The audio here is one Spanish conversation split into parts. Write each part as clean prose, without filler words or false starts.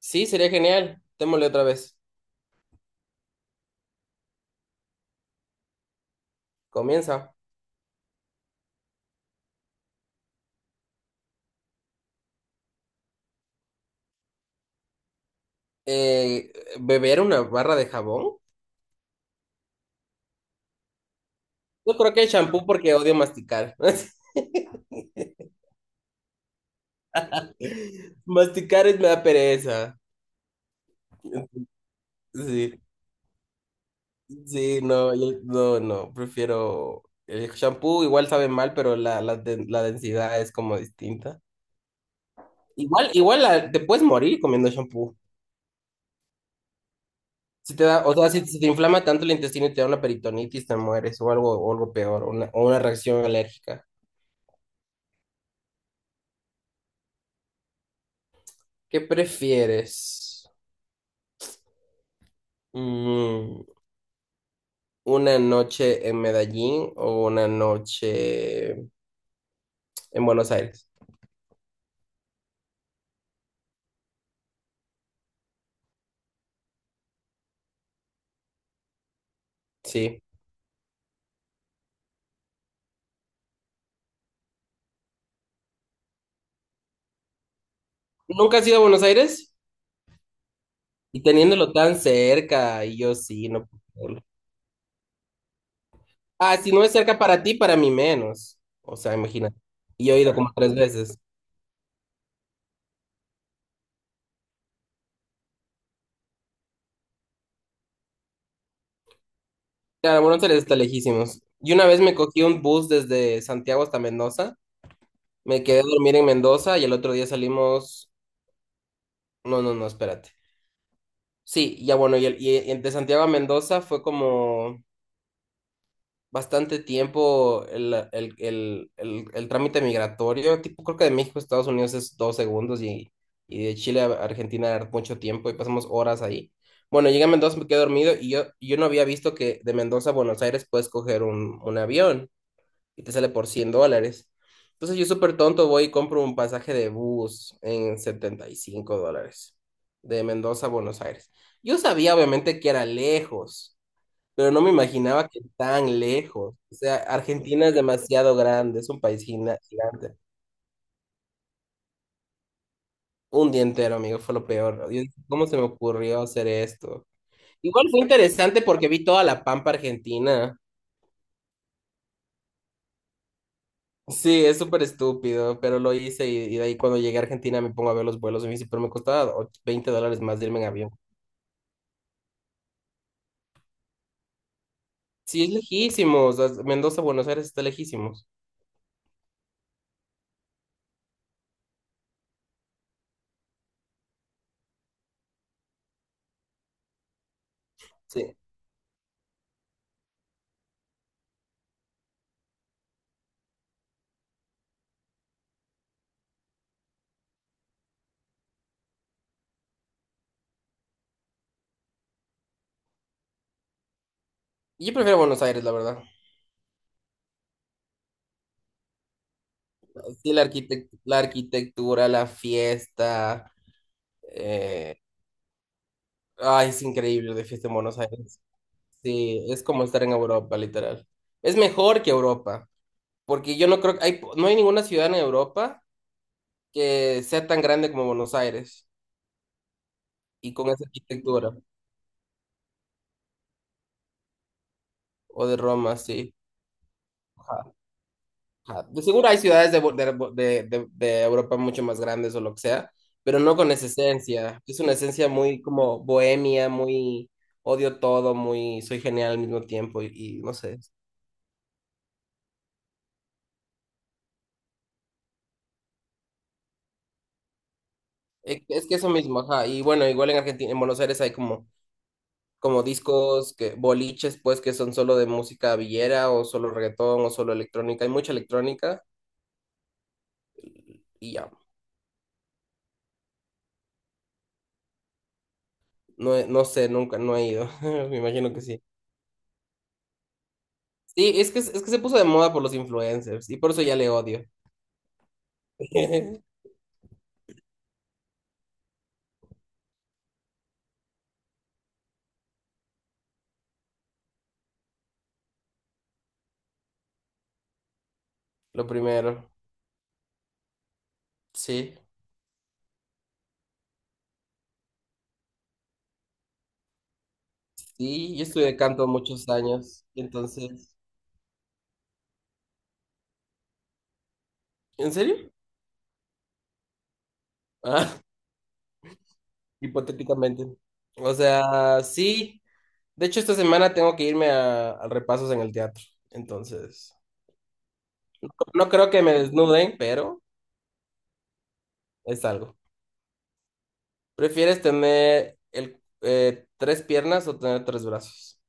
Sí, sería genial. Démosle otra vez. Comienza. Eh, ¿Beber una barra de jabón? Yo creo que shampoo porque odio masticar. Masticar es me da pereza. Sí, sí, no, no, no, prefiero el shampoo, igual sabe mal, pero la densidad es como distinta. Igual, te puedes morir comiendo shampoo. Si te da, o sea, si te inflama tanto el intestino y te da una peritonitis, te mueres o algo peor, o una reacción alérgica. ¿Qué prefieres? Mm, ¿Una noche en Medellín o una noche en Buenos Aires? Sí. ¿Nunca has ido a Buenos Aires? Y teniéndolo tan cerca, y yo sí, no puedo creerlo. Ah, si no es cerca para ti, para mí menos. O sea, imagínate. Y yo he ido como 3 veces. Claro, Buenos Aires está lejísimos. Y una vez me cogí un bus desde Santiago hasta Mendoza. Me quedé a dormir en Mendoza y el otro día salimos... No, no, no, espérate. Sí, ya bueno, y el de Santiago a Mendoza fue como bastante tiempo el trámite migratorio, tipo creo que de México a Estados Unidos es 2 segundos y de Chile a Argentina era mucho tiempo y pasamos horas ahí. Bueno, llegué a Mendoza, me quedé dormido y yo no había visto que de Mendoza a Buenos Aires puedes coger un avión y te sale por $100. Entonces yo súper tonto voy y compro un pasaje de bus en $75 de Mendoza a Buenos Aires. Yo sabía obviamente que era lejos, pero no me imaginaba que tan lejos. O sea, Argentina es demasiado grande, es un país gigante. Un día entero, amigo, fue lo peor. Yo dije, ¿cómo se me ocurrió hacer esto? Igual fue interesante porque vi toda la pampa argentina. Sí, es súper estúpido, pero lo hice y de ahí cuando llegué a Argentina me pongo a ver los vuelos y me dice, pero me costaba $20 más de irme en avión. Sí, es lejísimos. O sea, Mendoza, Buenos Aires está lejísimos. Sí. Yo prefiero Buenos Aires, la verdad. Sí, la arquitectura, la fiesta. eh, Ay, es increíble de fiesta en Buenos Aires. Sí, es como estar en Europa, literal. Es mejor que Europa, porque yo no creo que hay, no hay ninguna ciudad en Europa que sea tan grande como Buenos Aires y con esa arquitectura. O de Roma, sí. Ajá, ajá. De seguro hay ciudades de, de Europa mucho más grandes o lo que sea, pero no con esa esencia. Es una esencia muy como bohemia, muy odio todo, muy soy genial al mismo tiempo y no sé. Es que eso mismo, ajá. Y bueno, igual en Argentina, en Buenos Aires hay como, como discos, que, boliches, pues que son solo de música villera o solo reggaetón o solo electrónica. Hay mucha electrónica y ya. No, no sé, nunca, no he ido. Me imagino que sí. Sí, es que se puso de moda por los influencers y por eso ya le odio. Lo primero, sí. Sí, yo estudié canto muchos años, entonces... ¿En serio? Ah, hipotéticamente. O sea, sí. De hecho, esta semana tengo que irme a, repasos en el teatro. Entonces, no creo que me desnuden, pero es algo. ¿Prefieres tener tres piernas o tener tres brazos?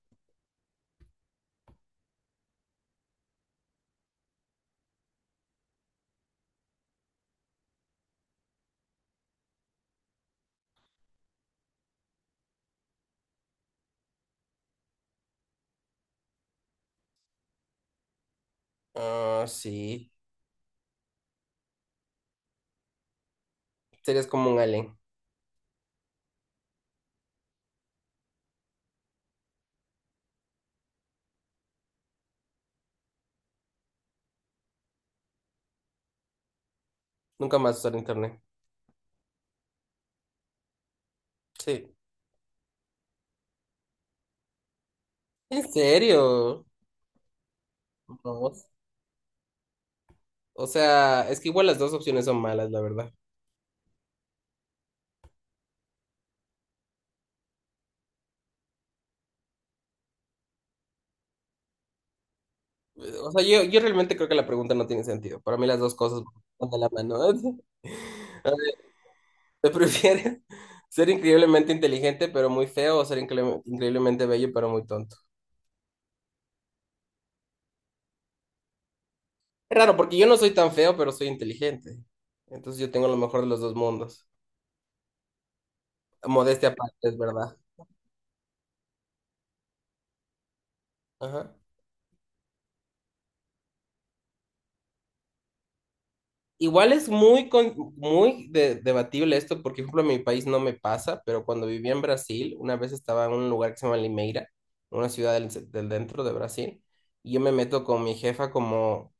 Ah, sí. Serías como un alien. Nunca más usar internet. Sí. ¿En serio? No. O sea, es que igual las dos opciones son malas, la verdad. O sea, yo realmente creo que la pregunta no tiene sentido. Para mí las dos cosas van de la mano. A ver, ¿te prefieres ser increíblemente inteligente pero muy feo o ser increíblemente bello pero muy tonto? Es raro porque yo no soy tan feo pero soy inteligente. Entonces yo tengo lo mejor de los dos mundos. Modestia aparte, es verdad. Ajá. Igual es muy, muy debatible esto, porque, por ejemplo, en mi país no me pasa, pero cuando vivía en Brasil, una vez estaba en un lugar que se llama Limeira, una ciudad del dentro de Brasil, y yo me meto con mi jefa como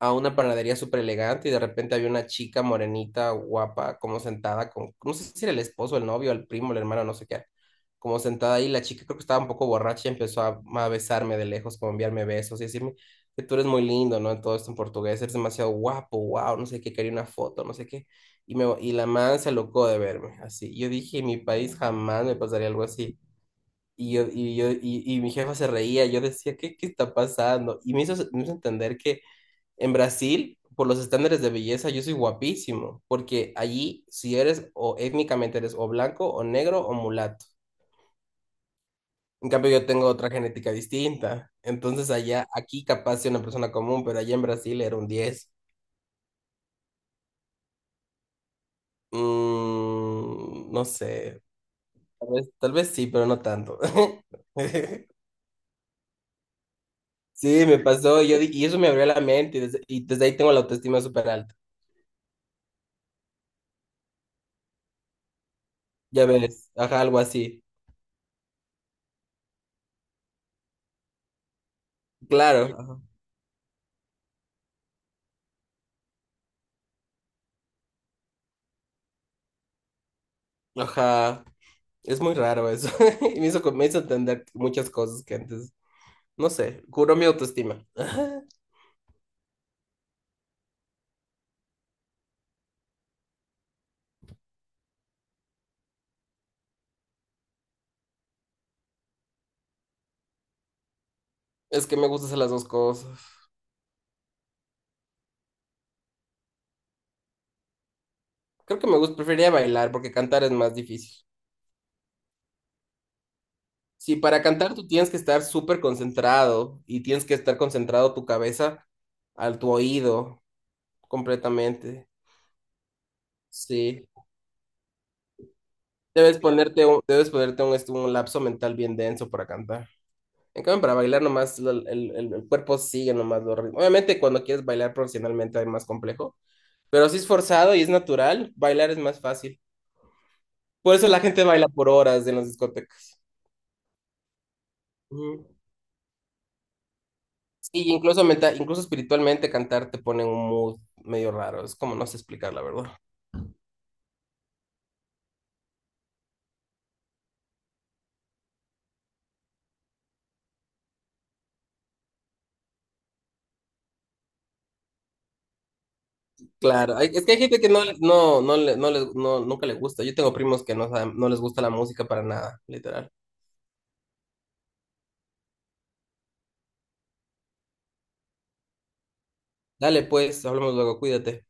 a una panadería súper elegante y de repente había una chica morenita, guapa, como sentada con, no sé si era el esposo, el novio, el primo, el hermano, no sé qué, como sentada ahí, la chica creo que estaba un poco borracha y empezó a, besarme de lejos, como enviarme besos y decirme que tú eres muy lindo, ¿no? Todo esto en portugués, eres demasiado guapo, wow, no sé qué, quería una foto, no sé qué. Y la man se alocó de verme, así. Yo dije, en mi país jamás me pasaría algo así. Y mi jefa se reía, yo decía, ¿qué está pasando? Y me hizo entender que en Brasil, por los estándares de belleza, yo soy guapísimo, porque allí si eres o étnicamente eres o blanco o negro o mulato. En cambio, yo tengo otra genética distinta. Entonces, allá, aquí capaz soy una persona común, pero allá en Brasil era un diez. Mm, no sé, tal vez sí, pero no tanto. Sí, me pasó, y eso me abrió la mente y desde ahí tengo la autoestima súper alta. Ya ves, ajá, algo así. Claro, ajá. Es muy raro eso. Y me hizo entender muchas cosas que antes, no sé, curó mi autoestima. Es que me gustan hacer las dos cosas. Creo que me gusta, preferiría bailar porque cantar es más difícil. Si para cantar tú tienes que estar súper concentrado y tienes que estar concentrado tu cabeza al tu oído completamente. Sí. Debes ponerte un, este, un lapso mental bien denso para cantar. En cambio, para bailar nomás el, el cuerpo sigue nomás los ritmos. Obviamente cuando quieres bailar profesionalmente es más complejo, pero si es forzado y es natural, bailar es más fácil. Por eso la gente baila por horas en las discotecas. Ujú. Sí, incluso, incluso espiritualmente cantar te pone en un mood medio raro. Es como no sé explicar, la verdad. Claro, es que hay gente que no, no, no, nunca le gusta. Yo tengo primos que no, no les gusta la música para nada, literal. Dale, pues, hablamos luego, cuídate.